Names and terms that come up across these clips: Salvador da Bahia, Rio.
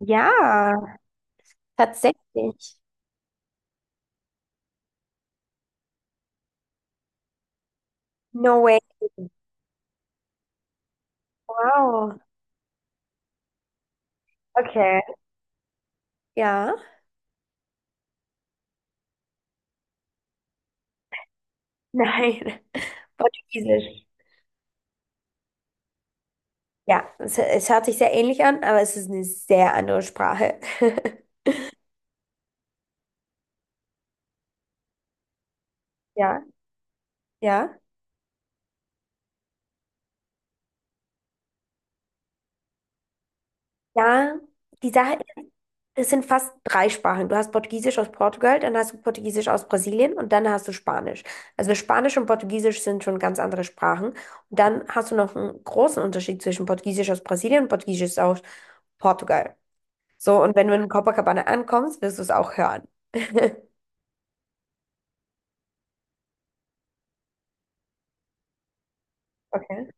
Ja, tatsächlich. No way. Wow. Okay. Ja. Nein. Portugiesisch. Ja, es hört sich sehr ähnlich an, aber es ist eine sehr andere Sprache. Ja, ja. Ja, die Sache, es sind fast drei Sprachen. Du hast Portugiesisch aus Portugal, dann hast du Portugiesisch aus Brasilien und dann hast du Spanisch. Also Spanisch und Portugiesisch sind schon ganz andere Sprachen. Und dann hast du noch einen großen Unterschied zwischen Portugiesisch aus Brasilien und Portugiesisch aus Portugal. So, und wenn du in Copacabana ankommst, wirst du es auch hören. Okay.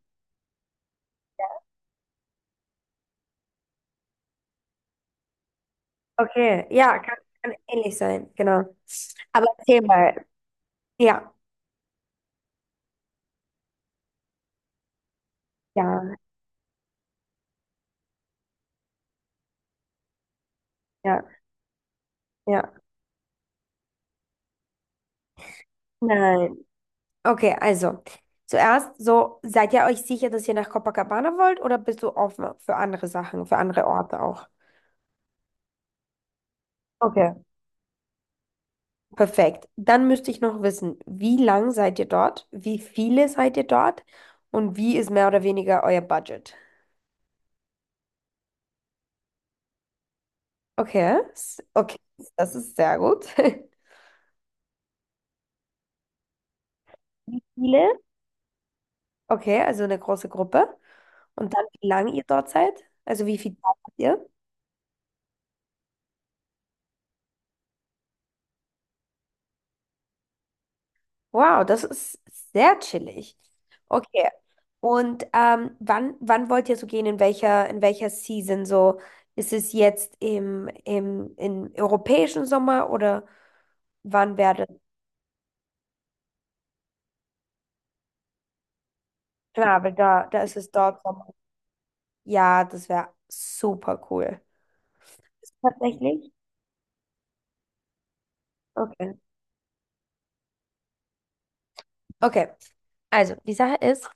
Okay, ja, kann ähnlich sein, genau. Aber erzähl mal. Ja, ja, ja, ja. Nein. Okay, also. Zuerst, so, seid ihr euch sicher, dass ihr nach Copacabana wollt oder bist du offen für andere Sachen, für andere Orte auch? Okay. Perfekt. Dann müsste ich noch wissen, wie lang seid ihr dort? Wie viele seid ihr dort? Und wie ist mehr oder weniger euer Budget? Okay, okay, das ist sehr gut. Wie viele? Okay, also eine große Gruppe. Und dann, wie lange ihr dort seid? Also wie viel Zeit habt ihr? Wow, das ist sehr chillig. Okay. Und wann wollt ihr so gehen? In welcher Season? So, ist es jetzt im europäischen Sommer oder wann wäre das? Klar, weil da, da ist es dort Sommer. Ja, das wäre super cool. Tatsächlich? Okay. Okay, also die Sache ist,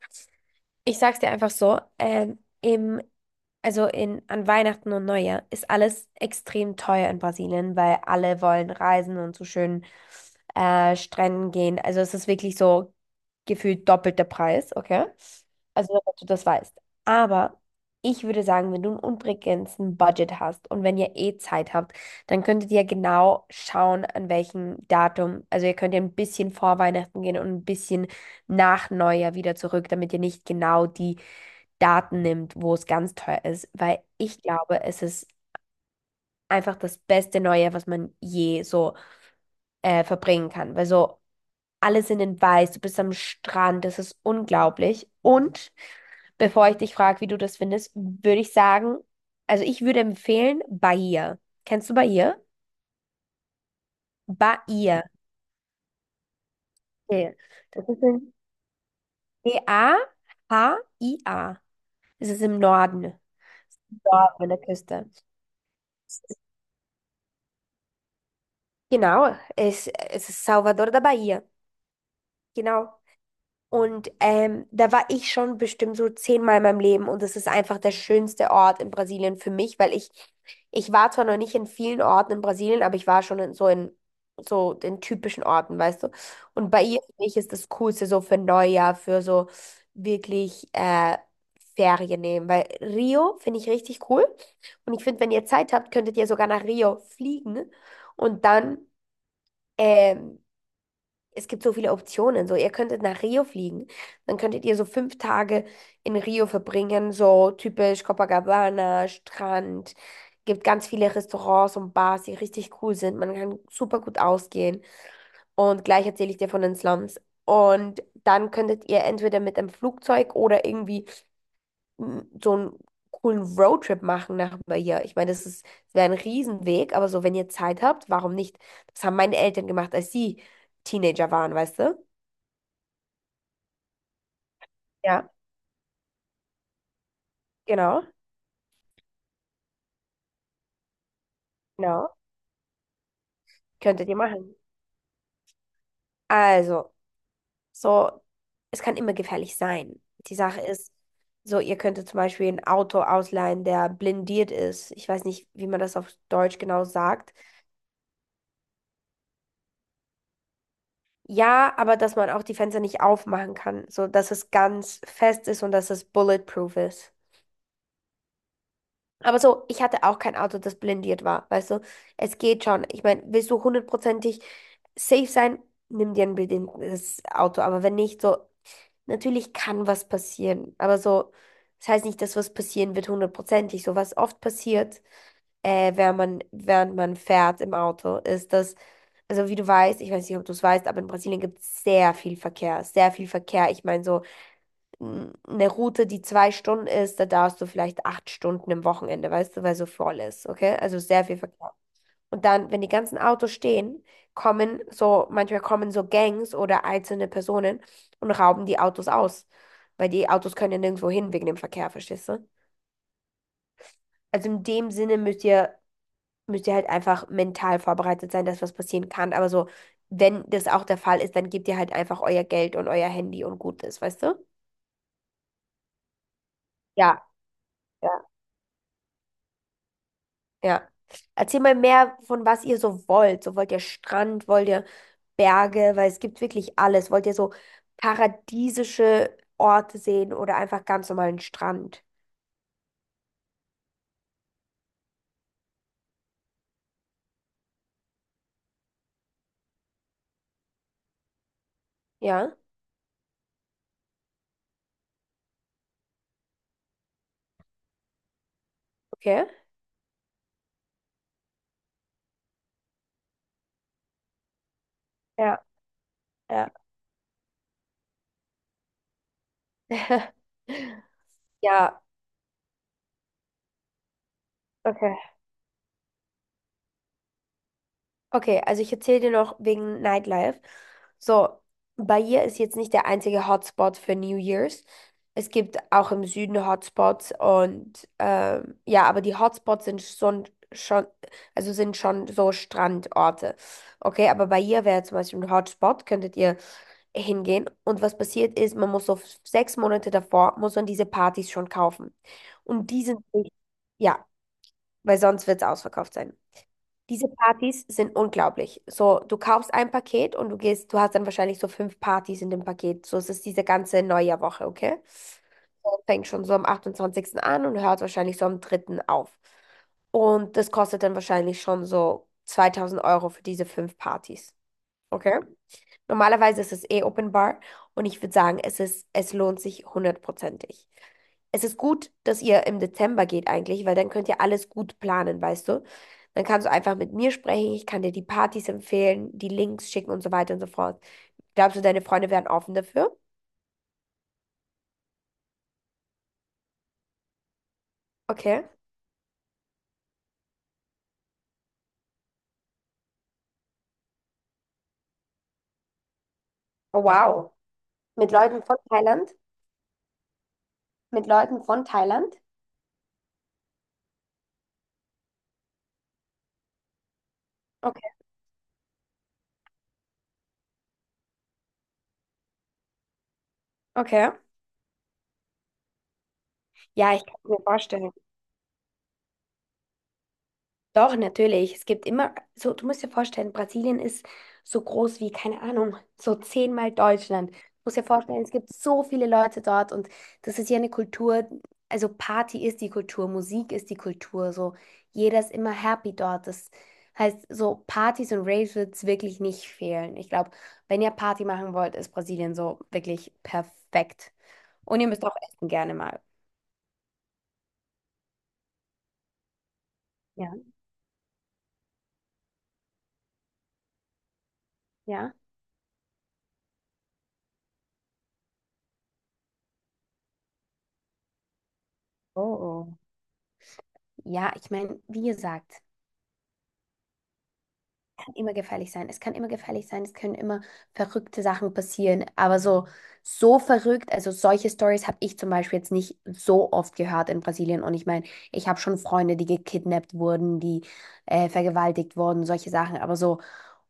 ich sag's dir einfach so, im also an Weihnachten und Neujahr ist alles extrem teuer in Brasilien, weil alle wollen reisen und zu schönen Stränden gehen. Also es ist wirklich so gefühlt doppelt der Preis, okay? Also damit du das weißt. Aber ich würde sagen, wenn du ein unbegrenzten Budget hast und wenn ihr eh Zeit habt, dann könntet ihr genau schauen, an welchem Datum. Also ihr könnt ja ein bisschen vor Weihnachten gehen und ein bisschen nach Neujahr wieder zurück, damit ihr nicht genau die Daten nimmt, wo es ganz teuer ist, weil ich glaube, es ist einfach das beste Neue, was man je so verbringen kann. Weil so alle sind in Weiß, du bist am Strand, das ist unglaublich. Und bevor ich dich frage, wie du das findest, würde ich sagen, also ich würde empfehlen Bahia. Kennst du Bahia? Bahia. Okay. Das ist in Bahia. Es ist im Norden. Norden an der Küste. Genau, es ist Salvador da Bahia. Genau. Und da war ich schon bestimmt so zehnmal in meinem Leben und es ist einfach der schönste Ort in Brasilien für mich, weil ich war zwar noch nicht in vielen Orten in Brasilien, aber ich war schon in so den typischen Orten, weißt du. Und bei ihr für mich ist das Coolste so für Neujahr, für so wirklich Ferien nehmen, weil Rio finde ich richtig cool und ich finde, wenn ihr Zeit habt, könntet ihr sogar nach Rio fliegen und dann ähm, es gibt so viele Optionen. So, ihr könntet nach Rio fliegen. Dann könntet ihr so 5 Tage in Rio verbringen, so typisch Copacabana, Strand. Gibt ganz viele Restaurants und Bars, die richtig cool sind. Man kann super gut ausgehen. Und gleich erzähle ich dir von den Slums. Und dann könntet ihr entweder mit einem Flugzeug oder irgendwie so einen coolen Roadtrip machen nach hier. Ich meine, das ist, das wäre ein Riesenweg, aber so, wenn ihr Zeit habt, warum nicht? Das haben meine Eltern gemacht, als sie Teenager waren, weißt du? Ja, genau, genau. Könntet ihr machen. Also, so, es kann immer gefährlich sein. Die Sache ist, so, ihr könntet zum Beispiel ein Auto ausleihen, der blindiert ist. Ich weiß nicht, wie man das auf Deutsch genau sagt. Ja, aber dass man auch die Fenster nicht aufmachen kann, so dass es ganz fest ist und dass es bulletproof ist. Aber so, ich hatte auch kein Auto, das blindiert war. Weißt du, es geht schon. Ich meine, willst du hundertprozentig safe sein, nimm dir ein blindiertes Auto. Aber wenn nicht, so natürlich kann was passieren, aber so, das heißt nicht, dass was passieren wird hundertprozentig. So was oft passiert, während man fährt im Auto, ist, dass, also wie du weißt, ich weiß nicht, ob du es weißt, aber in Brasilien gibt es sehr viel Verkehr, sehr viel Verkehr. Ich meine, so eine Route, die 2 Stunden ist, da darfst du vielleicht 8 Stunden im Wochenende, weißt du, weil so voll ist, okay? Also sehr viel Verkehr. Und dann, wenn die ganzen Autos stehen, kommen so, manchmal kommen so Gangs oder einzelne Personen und rauben die Autos aus. Weil die Autos können ja nirgendwo hin wegen dem Verkehr, verstehst du? Also in dem Sinne müsst ihr halt einfach mental vorbereitet sein, dass was passieren kann. Aber so, wenn das auch der Fall ist, dann gebt ihr halt einfach euer Geld und euer Handy und gut ist, weißt du? Ja. Ja. Ja. Erzähl mal mehr von was ihr so wollt. So wollt ihr Strand, wollt ihr Berge, weil es gibt wirklich alles. Wollt ihr so paradiesische Orte sehen oder einfach ganz normalen Strand? Ja, okay. Ja, ja. Ja, okay. Okay, also ich erzähle dir noch wegen Nightlife. So, Bahia ist jetzt nicht der einzige Hotspot für New Year's. Es gibt auch im Süden Hotspots und ja, aber die Hotspots sind also sind schon so Strandorte. Okay, aber Bahia wäre zum Beispiel ein Hotspot, könntet ihr hingehen. Und was passiert ist, man muss so 6 Monate davor, muss man diese Partys schon kaufen. Und die sind, ja, weil sonst wird es ausverkauft sein. Diese Partys sind unglaublich. So, du kaufst ein Paket und du gehst, du hast dann wahrscheinlich so fünf Partys in dem Paket. So, es ist diese ganze Neujahrwoche, okay? So, fängt schon so am 28. an und hört wahrscheinlich so am 3. auf. Und das kostet dann wahrscheinlich schon so 2.000 Euro für diese fünf Partys. Okay. Normalerweise ist es eh Open Bar und ich würde sagen, es ist, es lohnt sich hundertprozentig. Es ist gut, dass ihr im Dezember geht eigentlich, weil dann könnt ihr alles gut planen, weißt du? Dann kannst du einfach mit mir sprechen, ich kann dir die Partys empfehlen, die Links schicken und so weiter und so fort. Glaubst du, deine Freunde wären offen dafür? Okay. Oh, wow. Mit Leuten von Thailand? Mit Leuten von Thailand? Okay. Okay. Ja, ich kann mir vorstellen. Doch, natürlich. Es gibt immer, so, du musst dir vorstellen, Brasilien ist so groß wie, keine Ahnung, so zehnmal Deutschland. Du musst dir vorstellen, es gibt so viele Leute dort und das ist ja eine Kultur, also Party ist die Kultur, Musik ist die Kultur, so jeder ist immer happy dort. Das heißt, so Partys und Raves wird es wirklich nicht fehlen. Ich glaube, wenn ihr Party machen wollt, ist Brasilien so wirklich perfekt. Und ihr müsst auch essen gerne mal. Ja, ja. Oh, oh. Ja, ich meine, wie gesagt. Kann immer gefährlich sein. Es kann immer gefährlich sein. Es können immer verrückte Sachen passieren. Aber so, so verrückt, also solche Stories habe ich zum Beispiel jetzt nicht so oft gehört in Brasilien. Und ich meine, ich habe schon Freunde, die gekidnappt wurden, die vergewaltigt wurden, solche Sachen. Aber so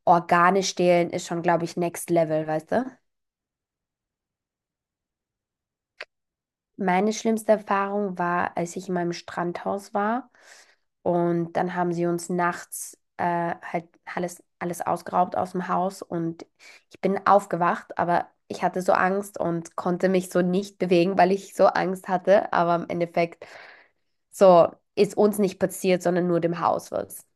Organe stehlen ist schon, glaube ich, next level, weißt du? Meine schlimmste Erfahrung war, als ich in meinem Strandhaus war und dann haben sie uns nachts halt alles, alles ausgeraubt aus dem Haus und ich bin aufgewacht, aber ich hatte so Angst und konnte mich so nicht bewegen, weil ich so Angst hatte. Aber im Endeffekt so ist uns nicht passiert, sondern nur dem Haus was.